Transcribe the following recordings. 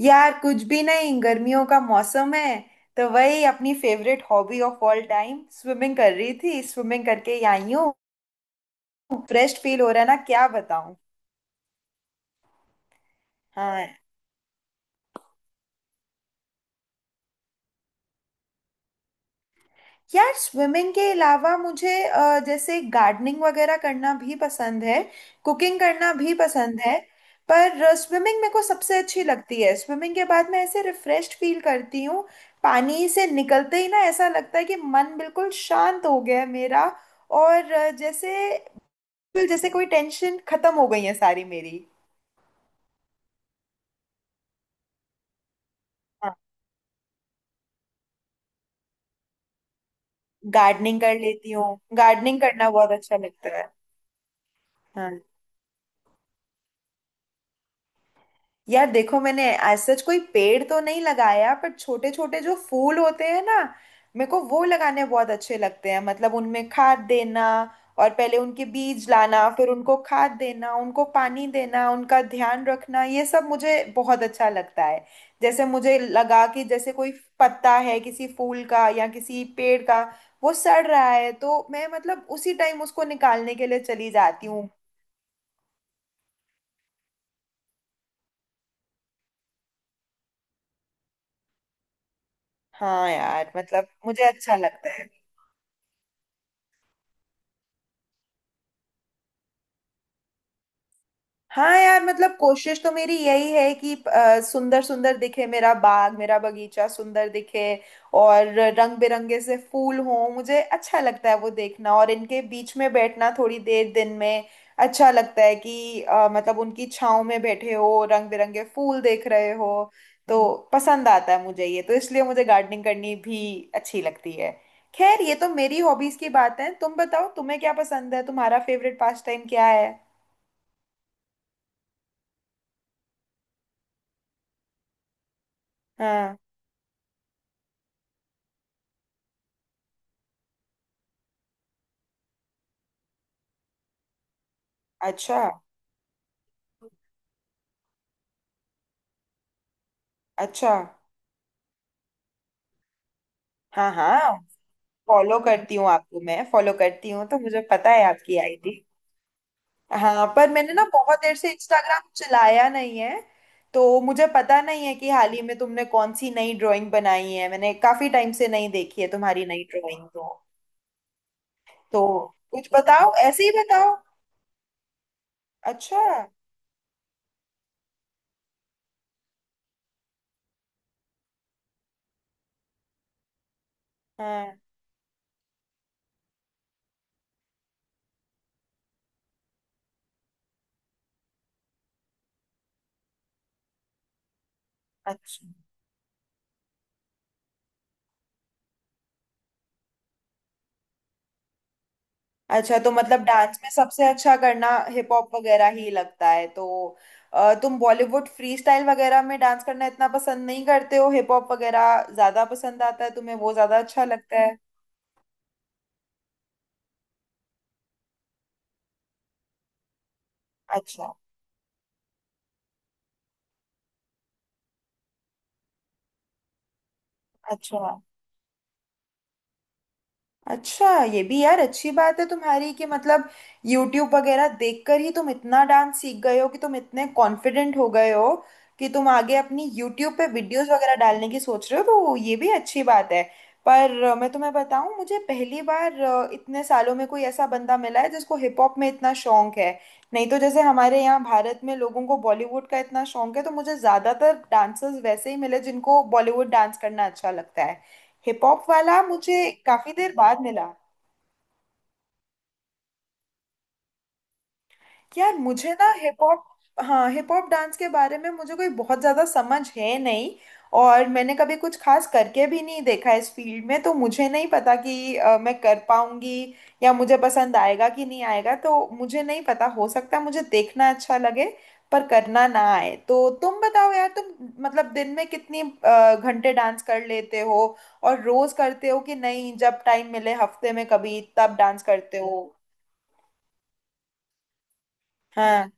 यार कुछ भी नहीं, गर्मियों का मौसम है तो वही अपनी favourite hobby of all time swimming कर रही थी। स्विमिंग करके आई हूँ। फ्रेश फील हो रहा है ना, क्या बताऊँ। हाँ, यार स्विमिंग के अलावा मुझे जैसे गार्डनिंग वगैरह करना भी पसंद है। कुकिंग करना भी पसंद है। पर स्विमिंग मेरे को सबसे अच्छी लगती है। स्विमिंग के बाद मैं ऐसे रिफ्रेश फील करती हूँ। पानी से निकलते ही ना ऐसा लगता है कि मन बिल्कुल शांत हो गया है मेरा। और जैसे कोई टेंशन खत्म हो गई है सारी मेरी। हाँ, गार्डनिंग कर लेती हूँ। गार्डनिंग करना बहुत अच्छा लगता है। यार देखो, मैंने एज सच कोई पेड़ तो नहीं लगाया, पर छोटे छोटे जो फूल होते हैं ना, मेरे को वो लगाने बहुत अच्छे लगते हैं। मतलब उनमें खाद देना, और पहले उनके बीज लाना, फिर उनको खाद देना, उनको पानी देना, उनका ध्यान रखना, ये सब मुझे बहुत अच्छा लगता है। जैसे मुझे लगा कि जैसे कोई पत्ता है किसी फूल का या किसी पेड़ का, वो सड़ रहा है, तो मैं मतलब उसी टाइम उसको निकालने के लिए चली जाती हूँ। हाँ यार, मतलब मुझे अच्छा लगता है। हाँ यार, मतलब कोशिश तो मेरी यही है कि सुंदर सुंदर दिखे मेरा बाग, मेरा बगीचा सुंदर दिखे। और रंग बिरंगे से फूल हों, मुझे अच्छा लगता है वो देखना, और इनके बीच में बैठना थोड़ी देर दिन में अच्छा लगता है कि मतलब उनकी छांव में बैठे हो, रंग बिरंगे फूल देख रहे हो। तो पसंद आता है मुझे ये, तो इसलिए मुझे गार्डनिंग करनी भी अच्छी लगती है। खैर, ये तो मेरी हॉबीज की बात है। तुम बताओ, तुम्हें क्या पसंद है? तुम्हारा फेवरेट पास टाइम क्या है? हाँ। अच्छा अच्छा। हाँ हाँ, फॉलो करती हूँ आपको। मैं फॉलो करती हूँ तो मुझे पता है आपकी आईडी। हाँ, पर मैंने ना बहुत देर से इंस्टाग्राम चलाया नहीं है, तो मुझे पता नहीं है कि हाल ही में तुमने कौन सी नई ड्राइंग बनाई है। मैंने काफी टाइम से नहीं देखी है तुम्हारी नई ड्राइंग, तो कुछ बताओ, ऐसे ही बताओ। अच्छा। हाँ, अच्छा अच्छा। तो मतलब डांस में सबसे अच्छा करना हिप हॉप वगैरह ही लगता है, तो तुम बॉलीवुड फ्री स्टाइल वगैरह में डांस करना इतना पसंद नहीं करते हो? हिप हॉप वगैरह ज्यादा पसंद आता है तुम्हें, वो ज्यादा अच्छा लगता है? अच्छा। अच्छा। अच्छा, ये भी यार अच्छी बात है तुम्हारी कि मतलब YouTube वगैरह देखकर ही तुम इतना डांस सीख गए हो कि तुम इतने कॉन्फिडेंट हो गए हो कि तुम आगे अपनी YouTube पे वीडियोस वगैरह डालने की सोच रहे हो, तो ये भी अच्छी बात है। पर मैं तुम्हें बताऊं, मुझे पहली बार इतने सालों में कोई ऐसा बंदा मिला है जिसको हिप हॉप में इतना शौक है। नहीं तो जैसे हमारे यहाँ भारत में लोगों को बॉलीवुड का इतना शौक है, तो मुझे ज्यादातर डांसर्स वैसे ही मिले जिनको बॉलीवुड डांस करना अच्छा लगता है। हिप हॉप वाला मुझे काफी देर बाद मिला। यार मुझे ना हिप हॉप, हाँ हिप हॉप डांस के बारे में मुझे कोई बहुत ज़्यादा समझ है नहीं। और मैंने कभी कुछ खास करके भी नहीं देखा इस फील्ड में, तो मुझे नहीं पता कि मैं कर पाऊंगी या मुझे पसंद आएगा कि नहीं आएगा। तो मुझे नहीं पता, हो सकता है मुझे देखना अच्छा लगे पर करना ना आए। तो तुम बताओ यार, तुम मतलब दिन में कितनी घंटे डांस कर लेते हो? और रोज करते हो कि नहीं, जब टाइम मिले हफ्ते में कभी तब डांस करते हो? हाँ।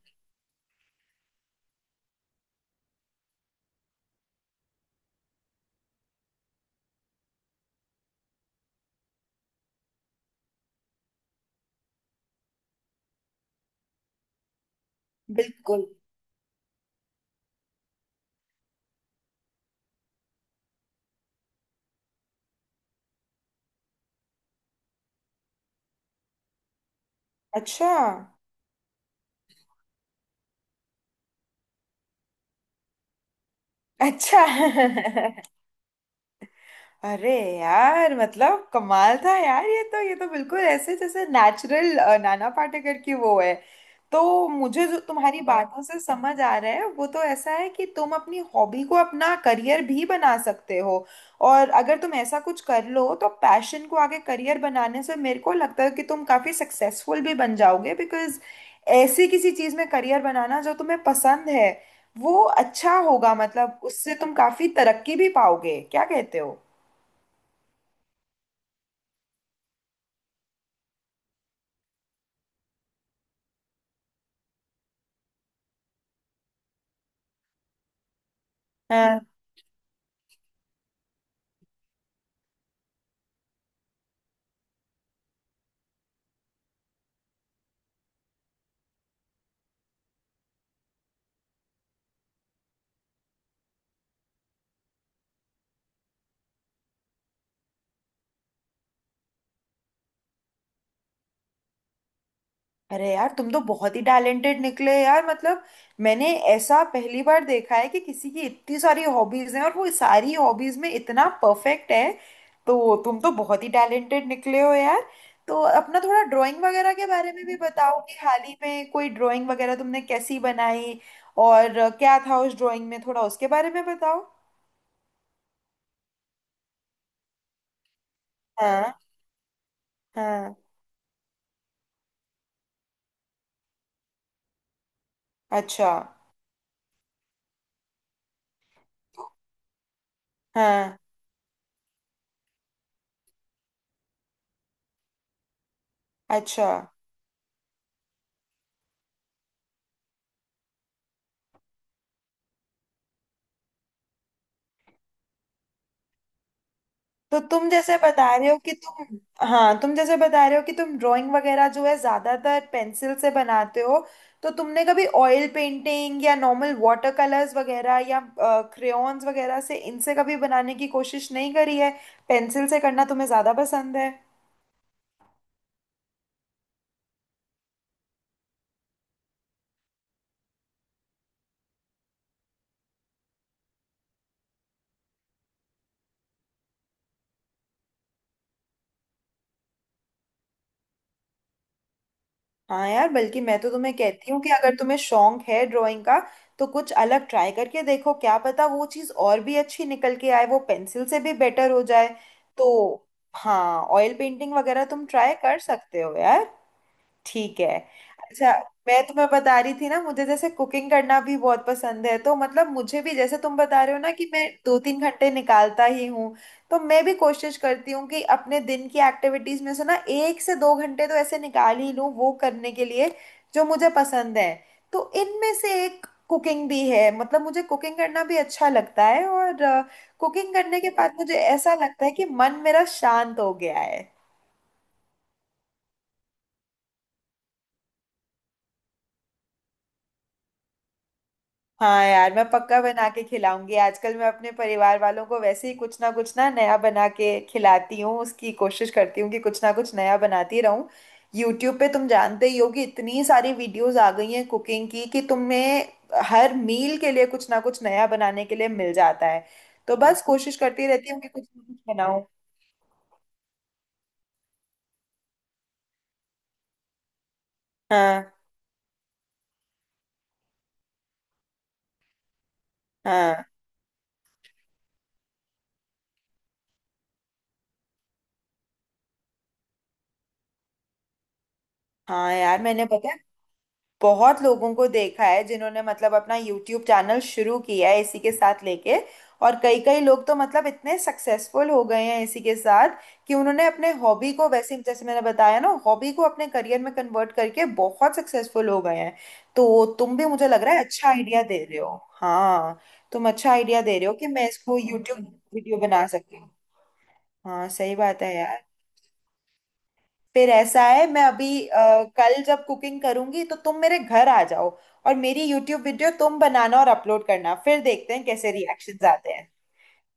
बिल्कुल। अच्छा। अच्छा। अरे यार, मतलब कमाल था यार ये तो। ये तो बिल्कुल ऐसे जैसे नेचुरल नाना पाटेकर की वो है तो। मुझे जो तुम्हारी बातों से समझ आ रहा है, वो तो ऐसा है कि तुम अपनी हॉबी को अपना करियर भी बना सकते हो। और अगर तुम ऐसा कुछ कर लो तो पैशन को आगे करियर बनाने से मेरे को लगता है कि तुम काफी सक्सेसफुल भी बन जाओगे, बिकॉज ऐसी किसी चीज में करियर बनाना जो तुम्हें पसंद है, वो अच्छा होगा। मतलब उससे तुम काफी तरक्की भी पाओगे, क्या कहते हो? हाँ। अरे यार, तुम तो बहुत ही टैलेंटेड निकले यार। मतलब मैंने ऐसा पहली बार देखा है कि किसी की इतनी सारी हॉबीज हैं और वो सारी हॉबीज में इतना परफेक्ट है। तो तुम तो बहुत ही टैलेंटेड निकले हो यार। तो अपना थोड़ा ड्राइंग वगैरह के बारे में भी बताओ कि हाल ही में कोई ड्राइंग वगैरह तुमने कैसी बनाई, और क्या था उस ड्राइंग में, थोड़ा उसके बारे में बताओ। हाँ हाँ। अच्छा। हाँ, अच्छा। तो तुम जैसे बता रहे हो कि तुम, हाँ तुम जैसे बता रहे हो कि तुम ड्राइंग वगैरह जो है ज्यादातर पेंसिल से बनाते हो। तो तुमने कभी ऑयल पेंटिंग या नॉर्मल वाटर कलर्स वगैरह या क्रेयॉन्स वगैरह से, इनसे कभी बनाने की कोशिश नहीं करी है? पेंसिल से करना तुम्हें ज्यादा पसंद है? हाँ यार, बल्कि मैं तो तुम्हें कहती हूँ कि अगर तुम्हें शौक है ड्राइंग का, तो कुछ अलग ट्राई करके देखो। क्या पता वो चीज़ और भी अच्छी निकल के आए, वो पेंसिल से भी बेटर हो जाए। तो हाँ, ऑयल पेंटिंग वगैरह तुम ट्राई कर सकते हो यार। ठीक है। अच्छा, मैं तुम्हें बता रही थी ना, मुझे जैसे कुकिंग करना भी बहुत पसंद है। तो मतलब मुझे भी, जैसे तुम बता रहे हो ना कि मैं दो तीन घंटे निकालता ही हूँ, तो मैं भी कोशिश करती हूँ कि अपने दिन की एक्टिविटीज में से ना एक से दो घंटे तो ऐसे निकाल ही लूँ वो करने के लिए जो मुझे पसंद है। तो इनमें से एक कुकिंग भी है। मतलब मुझे कुकिंग करना भी अच्छा लगता है, और कुकिंग करने के बाद मुझे ऐसा लगता है कि मन मेरा शांत हो गया है। हाँ यार, मैं पक्का बना के खिलाऊंगी। आजकल मैं अपने परिवार वालों को वैसे ही कुछ ना नया बना के खिलाती हूँ। उसकी कोशिश करती हूँ कि कुछ ना कुछ नया बनाती रहूँ। यूट्यूब पे तुम जानते ही हो कि इतनी सारी वीडियोस आ गई हैं कुकिंग की कि तुम्हें हर मील के लिए कुछ ना कुछ नया बनाने के लिए मिल जाता है। तो बस कोशिश करती रहती हूँ कि कुछ ना कुछ बनाऊँ। हाँ। हाँ। हाँ यार, मैंने, पता है, बहुत लोगों को देखा है जिन्होंने मतलब अपना यूट्यूब चैनल शुरू किया है इसी के साथ लेके। और कई कई लोग तो मतलब इतने सक्सेसफुल हो गए हैं इसी के साथ, कि उन्होंने अपने हॉबी को, वैसे जैसे मैंने बताया ना, हॉबी को अपने करियर में कन्वर्ट करके बहुत सक्सेसफुल हो गए हैं। तो तुम भी, मुझे लग रहा है, अच्छा आइडिया दे रहे हो। हाँ, तुम अच्छा आइडिया दे रहे हो कि मैं इसको यूट्यूब वीडियो बना सकती हूँ। हाँ, सही बात है यार। फिर ऐसा है, मैं अभी कल जब कुकिंग करूंगी तो तुम मेरे घर आ जाओ, और मेरी यूट्यूब वीडियो तुम बनाना और अपलोड करना। फिर देखते हैं कैसे रिएक्शंस आते हैं।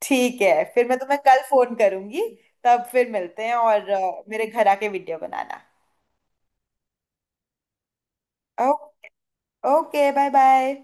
ठीक है, फिर मैं तुम्हें कल फोन करूंगी। तब फिर मिलते हैं, और मेरे घर आके वीडियो बनाना। ओ, ओके, बाय बाय।